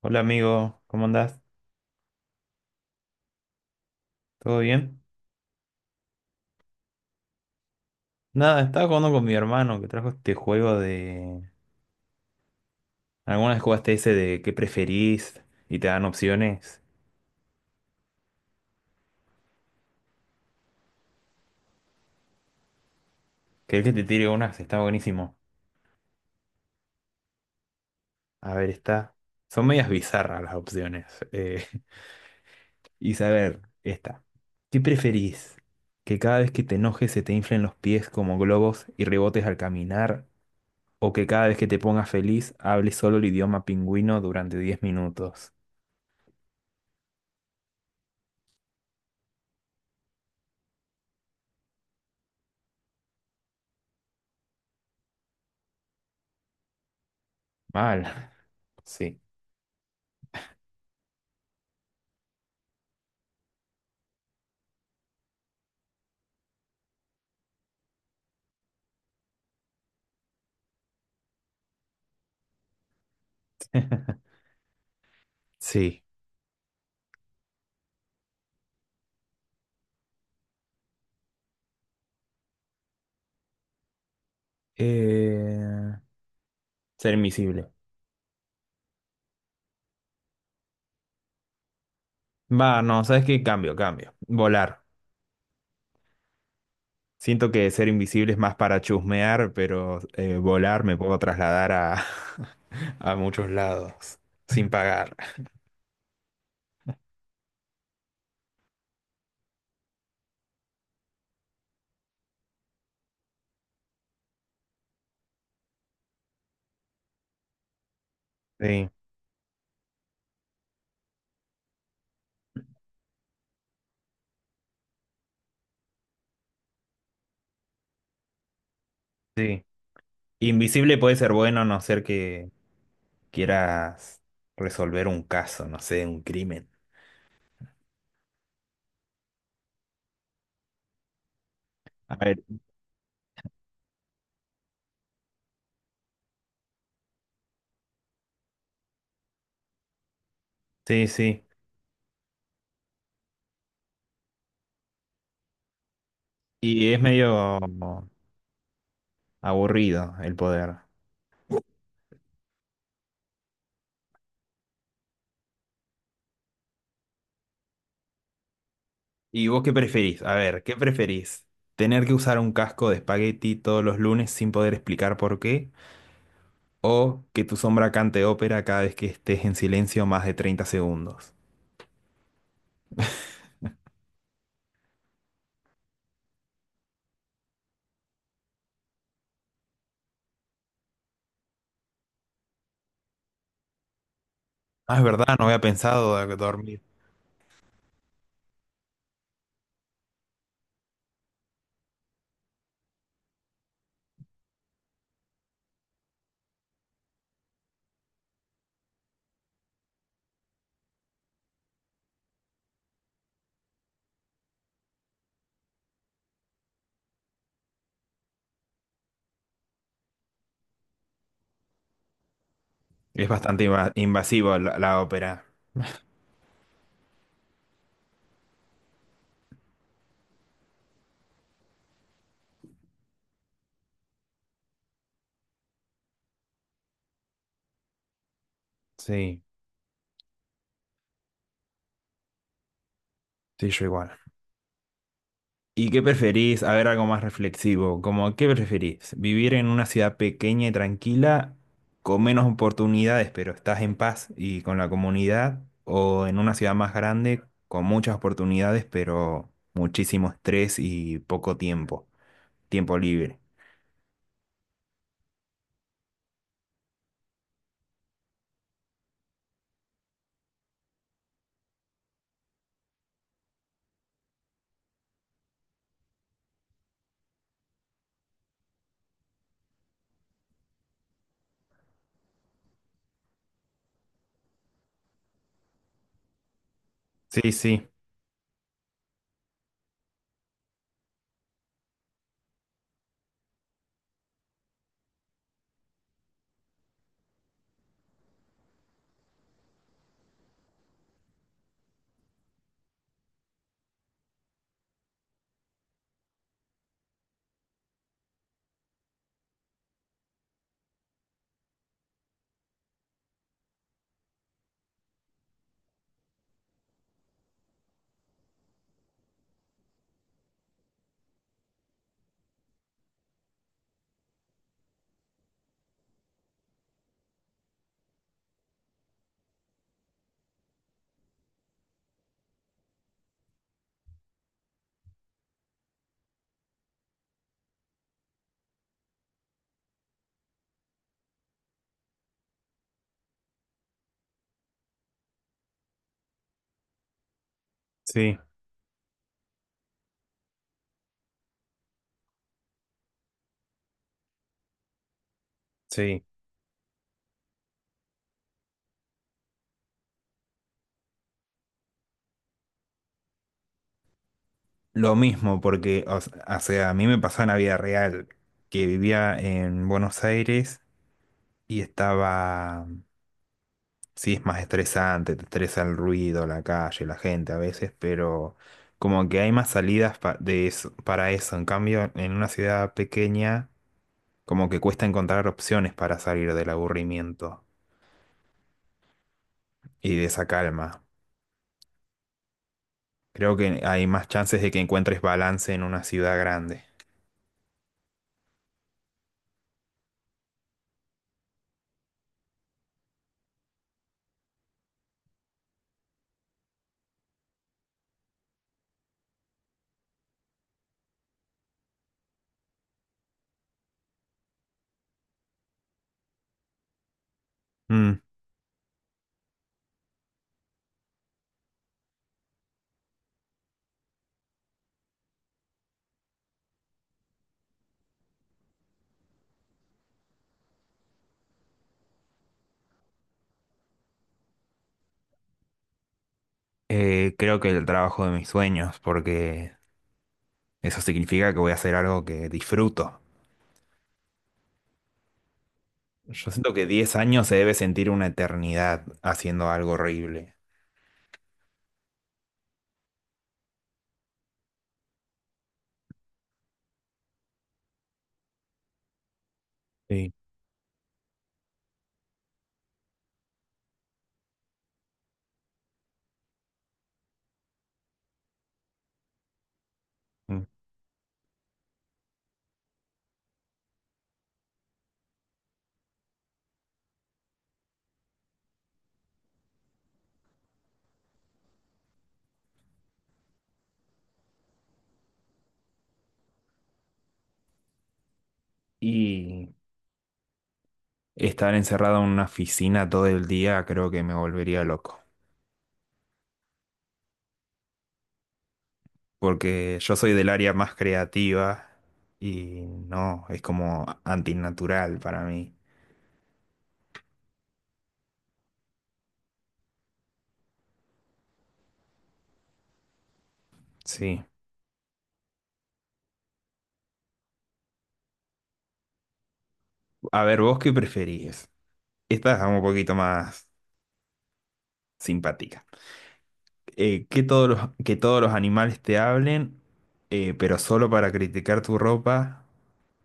Hola amigo, ¿cómo andás? ¿Todo bien? Nada, estaba jugando con mi hermano que trajo este juego de... Algunas vez jugaste ese de qué preferís y te dan opciones. Que el que te tire unas está buenísimo. A ver, está... Son medias bizarras las opciones. eh, y saber, esta. ¿Qué preferís? ¿Que cada vez que te enojes se te inflen los pies como globos y rebotes al caminar? ¿O que cada vez que te pongas feliz hables solo el idioma pingüino durante 10 minutos? Mal. Sí. Sí. Eh, ser invisible. Va, no, ¿sabes qué? Cambio, cambio. Volar. Siento que ser invisible es más para chusmear, pero volar me puedo trasladar a, a muchos lados sin pagar. Sí, sí. Invisible puede ser bueno a no ser que quieras resolver un caso, no sé, un crimen. A ver, sí, sí. Y es medio aburrido el poder. ¿Y vos qué preferís? A ver, ¿qué preferís? ¿Tener que usar un casco de espagueti todos los lunes sin poder explicar por qué? ¿O que tu sombra cante ópera cada vez que estés en silencio más de 30 segundos? Ah, es verdad, no había pensado de dormir. Es bastante invasivo la, la ópera. Sí, sí, yo igual. ¿Y qué preferís? A ver, algo más reflexivo. Como, ¿qué preferís? ¿Vivir en una ciudad pequeña y tranquila, con menos oportunidades, pero estás en paz y con la comunidad? ¿O en una ciudad más grande, con muchas oportunidades, pero muchísimo estrés y poco tiempo? Tiempo libre. Sí, sí, sí, sí. Lo mismo, porque, o sea, a mí me pasó en la vida real, que vivía en Buenos Aires y estaba. Sí, es más estresante, te estresa el ruido, la calle, la gente a veces, pero como que hay más salidas para eso. En cambio, en una ciudad pequeña, como que cuesta encontrar opciones para salir del aburrimiento y de esa calma. Creo que hay más chances de que encuentres balance en una ciudad grande. Mm, creo que el trabajo de mis sueños, porque eso significa que voy a hacer algo que disfruto. Yo siento que 10 años se debe sentir una eternidad haciendo algo horrible. Sí. Y estar encerrado en una oficina todo el día creo que me volvería loco. Porque yo soy del área más creativa y no, es como antinatural para mí. Sí. A ver, ¿vos qué preferís? Esta es un poquito más simpática. Que que todos los animales te hablen, pero solo para criticar tu ropa,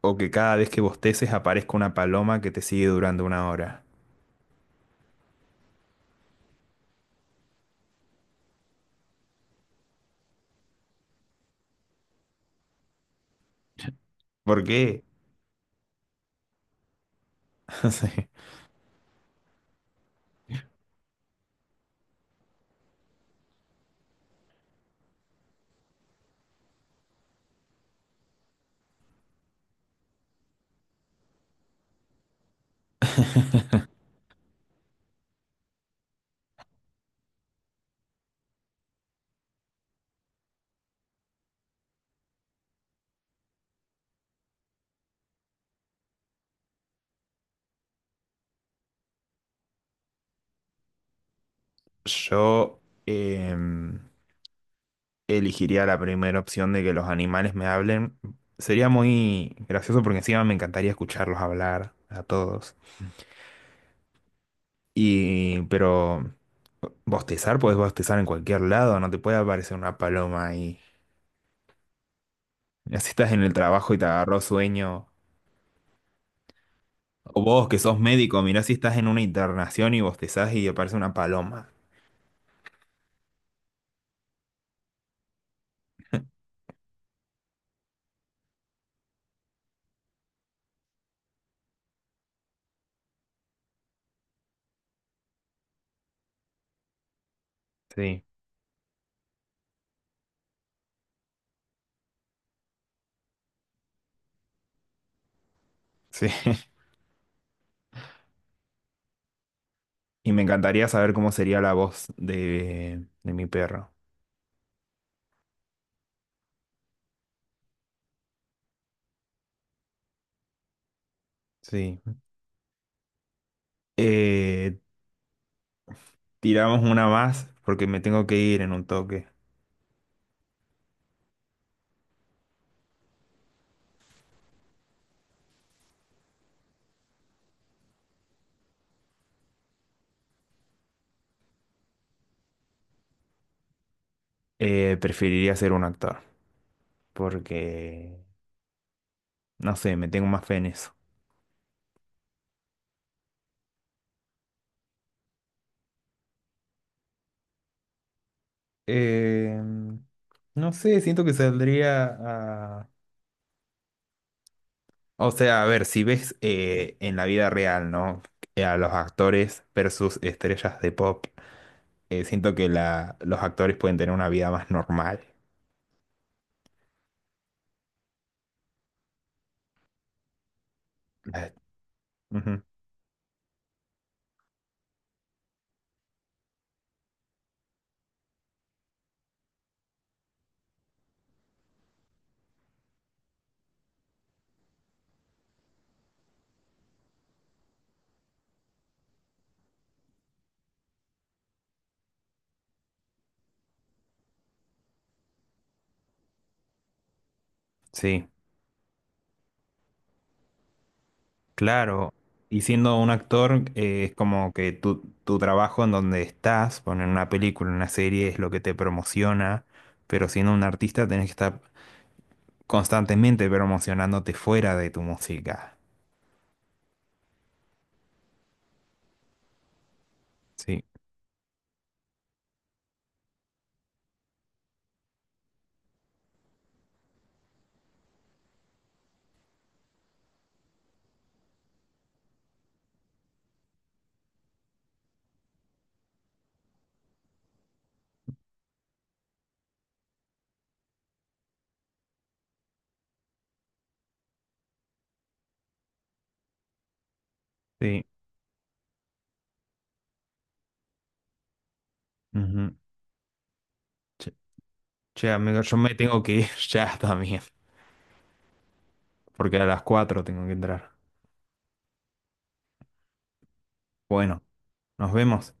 o que cada vez que bosteces aparezca una paloma que te sigue durante 1 hora. ¿Por qué? Sí. Yo elegiría la primera opción de que los animales me hablen. Sería muy gracioso porque encima me encantaría escucharlos hablar a todos. Y, pero bostezar, puedes bostezar en cualquier lado, no te puede aparecer una paloma ahí. Mirá si estás en el trabajo y te agarró sueño. O vos que sos médico, mirá si estás en una internación y bostezás y aparece una paloma. Sí, sí. Y me encantaría saber cómo sería la voz de mi perro. Sí. Eh, tiramos una más porque me tengo que ir en un toque. Preferiría ser un actor porque, no sé, me tengo más fe en eso. Eh, no sé, siento que saldría a... O sea, a ver, si ves en la vida real, ¿no? A los actores versus estrellas de pop, siento que los actores pueden tener una vida más normal. Eh, ujú. Sí. Claro, y siendo un actor, es como que tu trabajo en donde estás, poner una película, una serie, es lo que te promociona, pero siendo un artista tenés que estar constantemente promocionándote fuera de tu música. Sí, sí. Ujú. Che, che, amigo, yo me tengo que ir ya también, porque a las 4 tengo que entrar. Bueno, nos vemos.